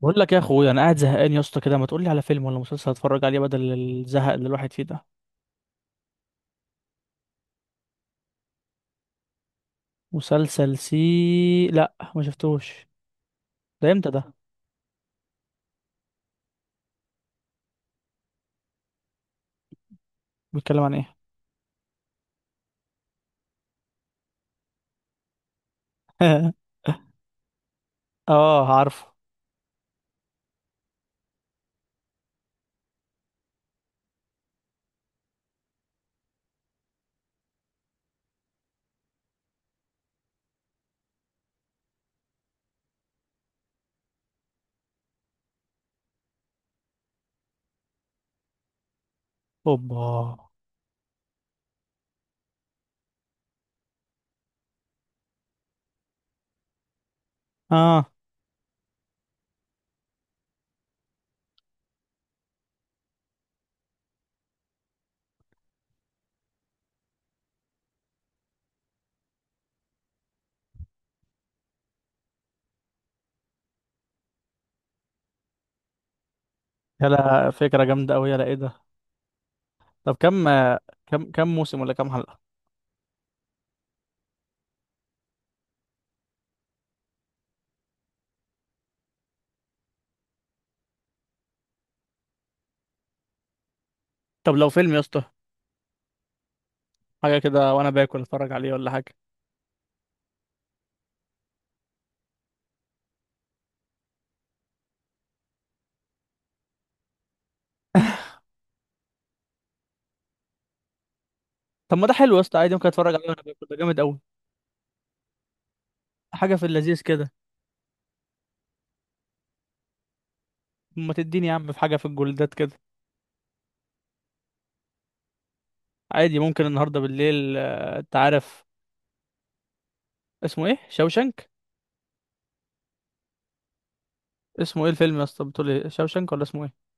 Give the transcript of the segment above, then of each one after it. بقول لك يا اخويا، انا قاعد زهقان يا اسطى كده. ما تقول لي على فيلم ولا مسلسل اتفرج عليه بدل الزهق اللي الواحد فيه ده؟ مسلسل سي؟ لا، ما شفتوش. ده امتى ده؟ بيتكلم عن ايه؟ اه، عارفه. اوبا. اه، يلا فكره جامده قوي، يلا ايه ده؟ طب كم موسم ولا كم حلقه؟ طب لو فيلم يا اسطى، حاجه كده وانا باكل اتفرج عليه ولا حاجه. طب ما ده حلو يا اسطى، عادي ممكن اتفرج عليه وانا باكل، ده جامد قوي. حاجه في اللذيذ كده. ما تديني يا عم في حاجه في الجولدات كده. عادي ممكن النهارده بالليل، انت عارف. اسمه ايه؟ شوشنك؟ اسمه ايه الفيلم يا اسطى، بتقول ايه شوشنك ولا اسمه ايه؟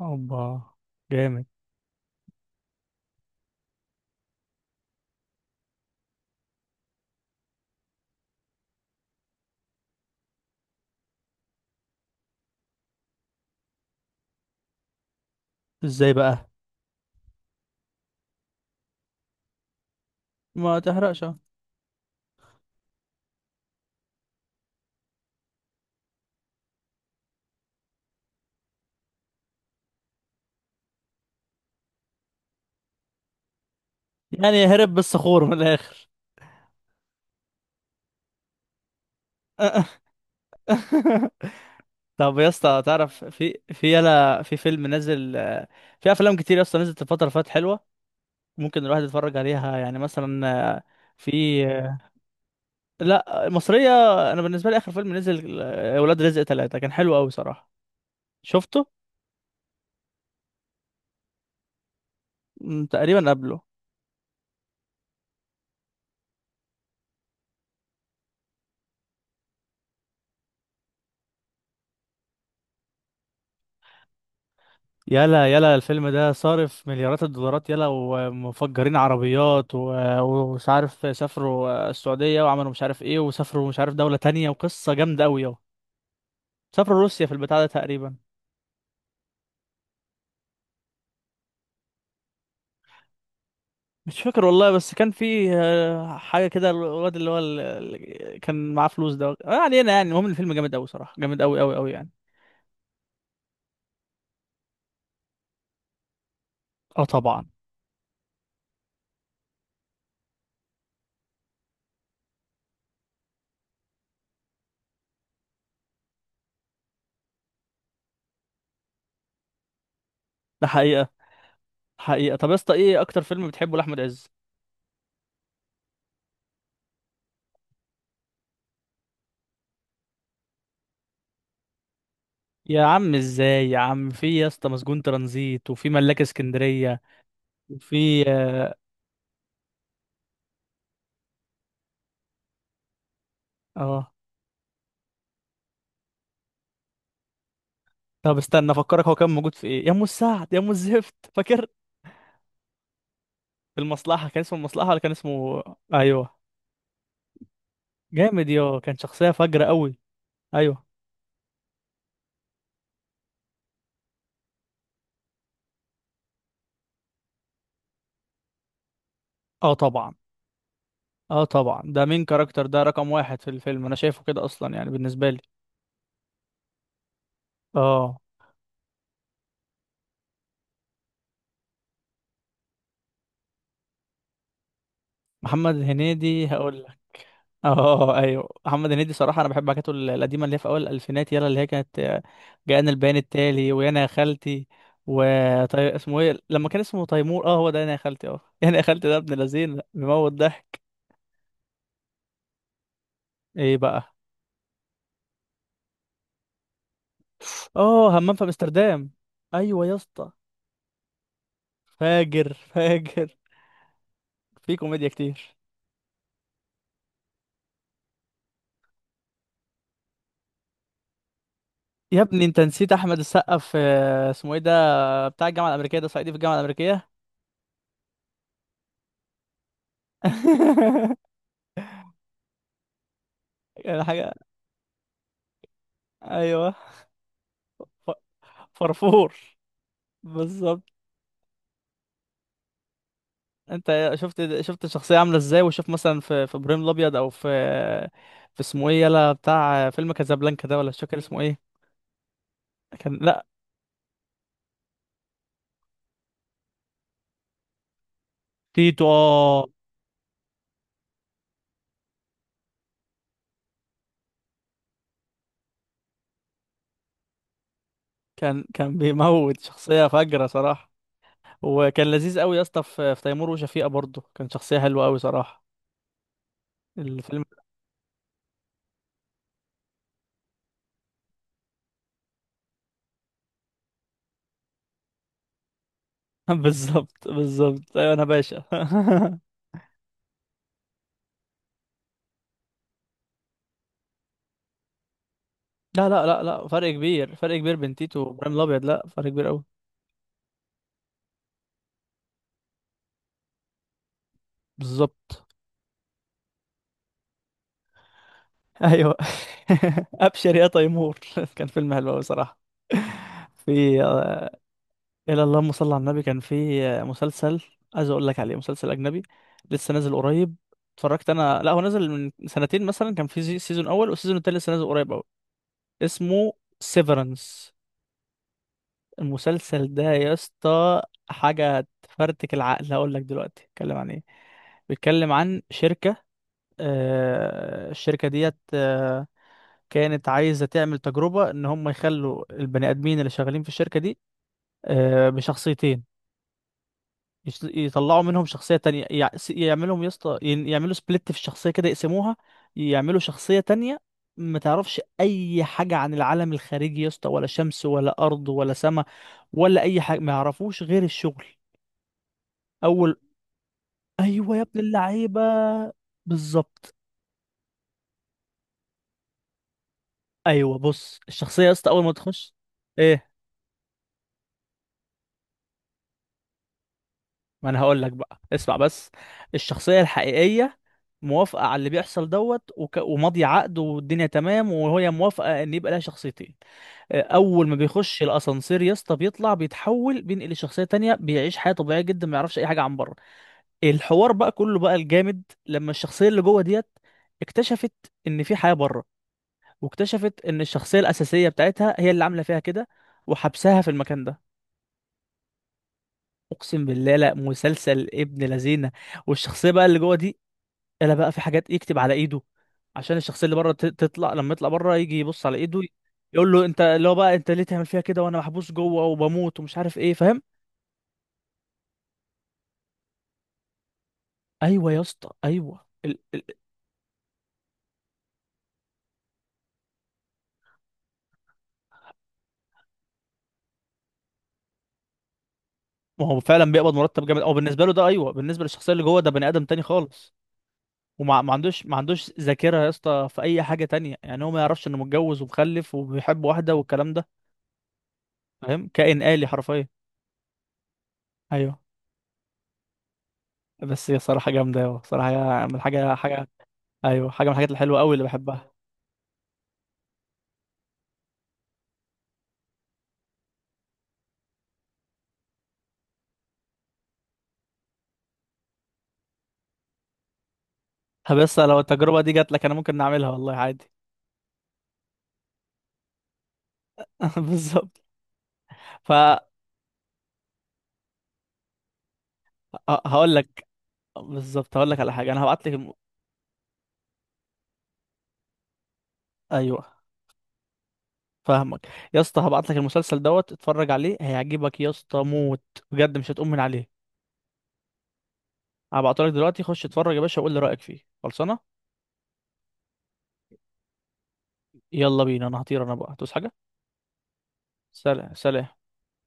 اوبا. جامد. ازاي بقى؟ ما تحرقش أهو. يعني هرب بالصخور من الاخر؟ طب يا اسطى تعرف في يلا، في فيلم نزل. في افلام كتير يا اسطى نزلت الفتره اللي فاتت حلوه، ممكن الواحد يتفرج عليها يعني مثلا، آه، في، آه، لا مصريه. انا بالنسبه لي اخر فيلم نزل، ولاد رزق ثلاثة، كان حلو قوي صراحه. شفته؟ تقريبا قبله. يلا يلا، الفيلم ده صارف مليارات الدولارات، يلا، ومفجرين عربيات ومش عارف سافروا السعودية وعملوا مش عارف ايه، وسافروا مش عارف دولة تانية، وقصة جامدة أوي يلا. سافروا روسيا في البتاع ده تقريبا. مش فاكر والله، بس كان في حاجة كده، الواد اللي هو كان معاه فلوس ده، ما علينا يعني. المهم الفيلم جامد أوي صراحة، جامد أوي أوي أوي يعني. اه طبعا. ده حقيقة. حقيقة. طب يا اسطى، ايه أكتر فيلم بتحبه لأحمد عز؟ يا عم ازاي يا عم، في يا اسطى مسجون ترانزيت، وفي ملاك اسكندرية، وفي اه، آه. طب استنى افكرك، هو كان موجود في ايه؟ يا ام السعد؟ يا ام الزفت؟ فاكر؟ المصلحه، كان اسمه المصلحه ولا كان اسمه؟ ايوه. جامد، يا كان شخصيه فجره قوي. ايوه. اه طبعا. اه طبعا، ده مين كاركتر، ده رقم واحد في الفيلم انا شايفه كده اصلا يعني بالنسبه لي. اه. محمد هنيدي هقول. اه ايوه، محمد هنيدي صراحه انا بحب حاجاته القديمه، اللي هي في اول الالفينات، يلا، اللي هي كانت. جاءنا البيان التالي، ويانا يا خالتي. و اسمه ايه لما كان اسمه تيمور، اه هو ده، انا يا خالتي، اه، انا يا خالتي، ده ابن لذين بيموت ضحك. ايه بقى؟ اه، همام في امستردام. ايوه يا اسطى. فاجر فاجر. في كوميديا كتير. يا ابني، انت نسيت احمد السقا في اسمه ايه ده، بتاع الجامعه الامريكيه ده، صعيدي في الجامعه الامريكيه. يعني حاجه. ايوه، ف- فرفور. بالظبط. انت شفت الشخصيه عامله ازاي، وشوف مثلا في في ابراهيم الابيض، او في، في اسمه ايه، يلا بتاع فيلم كازابلانكا ده، ولا مش فاكر اسمه ايه. كان، لا. تيتو، اه. كان بيموت، شخصيه فجره صراحه. وكان لذيذ قوي يا اسطى في تيمور وشفيقه برضه، كان شخصيه حلوه قوي صراحه. الفيلم. بالظبط بالظبط، ايوه انا باشا. لا لا لا لا، فرق كبير، فرق كبير بين تيتو وابراهيم الابيض، لا فرق كبير قوي. بالظبط. ايوه. ابشر يا تيمور. كان فيلم حلو قوي صراحه. في آه، الى اللهم صل على النبي، كان في مسلسل، عايز اقول لك عليه مسلسل اجنبي، لسه نازل قريب. اتفرجت انا، لا هو نازل من سنتين مثلا، كان في سيزون اول، والسيزون التاني لسه نازل قريب قوي. اسمه سيفرنس. المسلسل ده يا اسطى حاجه تفرتك العقل. هقول لك دلوقتي اتكلم عن ايه. بيتكلم عن شركه، الشركه ديت، كانت عايزة تعمل تجربة إن هم يخلوا البني آدمين اللي شغالين في الشركة دي، بشخصيتين. يطلعوا منهم شخصية تانية، يعملهم يسطا يعملوا سبليت في الشخصية كده، يقسموها، يعملوا شخصية تانية. ما تعرفش أي حاجة عن العالم الخارجي يا اسطى، ولا شمس ولا أرض ولا سماء، ولا أي حاجة، ما يعرفوش غير الشغل. أول. أيوه يا ابن اللعيبة. بالظبط. أيوه، بص، الشخصية يا اسطى أول ما تخش. إيه. ما انا هقول لك بقى، اسمع بس. الشخصية الحقيقية موافقة على اللي بيحصل، دوت وماضية عقد، والدنيا تمام، وهي موافقة ان يبقى لها شخصيتين. اول ما بيخش الاسانسير يا اسطى بيطلع، بيتحول، بينقل لشخصية تانية، بيعيش حياة طبيعية جدا، ما يعرفش اي حاجة عن بره. الحوار بقى كله بقى الجامد، لما الشخصية اللي جوه ديت اكتشفت ان في حياة بره، واكتشفت ان الشخصية الاساسية بتاعتها هي اللي عاملة فيها كده، وحبسها في المكان ده. اقسم بالله، لا مسلسل ابن لذينه. والشخصيه بقى اللي جوه دي، الا بقى في حاجات يكتب على ايده عشان الشخصيه اللي بره تطلع، لما يطلع بره يجي يبص على ايده، يقول له انت، اللي هو بقى انت ليه تعمل فيها كده وانا محبوس جوه وبموت ومش عارف ايه؟ فاهم؟ ايوه يا اسطى، ايوه، ما هو فعلا بيقبض مرتب جامد، او بالنسبه له ده. ايوه، بالنسبه للشخصيه اللي جوه ده، بني ادم تاني خالص. وما ما عندوش ما عندوش ذاكره يا اسطى في اي حاجه تانية، يعني هو ما يعرفش انه متجوز ومخلف وبيحب واحده والكلام ده. فاهم؟ كائن آلي حرفيا. ايوه، بس هي صراحه جامده أوي. صراحه هي من حاجه حاجه. ايوه، حاجه من الحاجات الحلوه قوي اللي بحبها. طب بس لو التجربة دي جات لك، انا ممكن نعملها والله عادي. بالظبط. ف ه- هقول لك. بالظبط، هقول لك على حاجة، انا هبعت لك ايوه. فاهمك. يا اسطى، هبعت لك المسلسل دوت، اتفرج عليه هيعجبك يا اسطى موت، بجد مش هتقوم من عليه. هبعته لك دلوقتي، خش اتفرج يا باشا وقول لي رأيك فيه. خلصانة. يلا بينا، انا هطير، انا بقى هتوس حاجة. سلام سلام.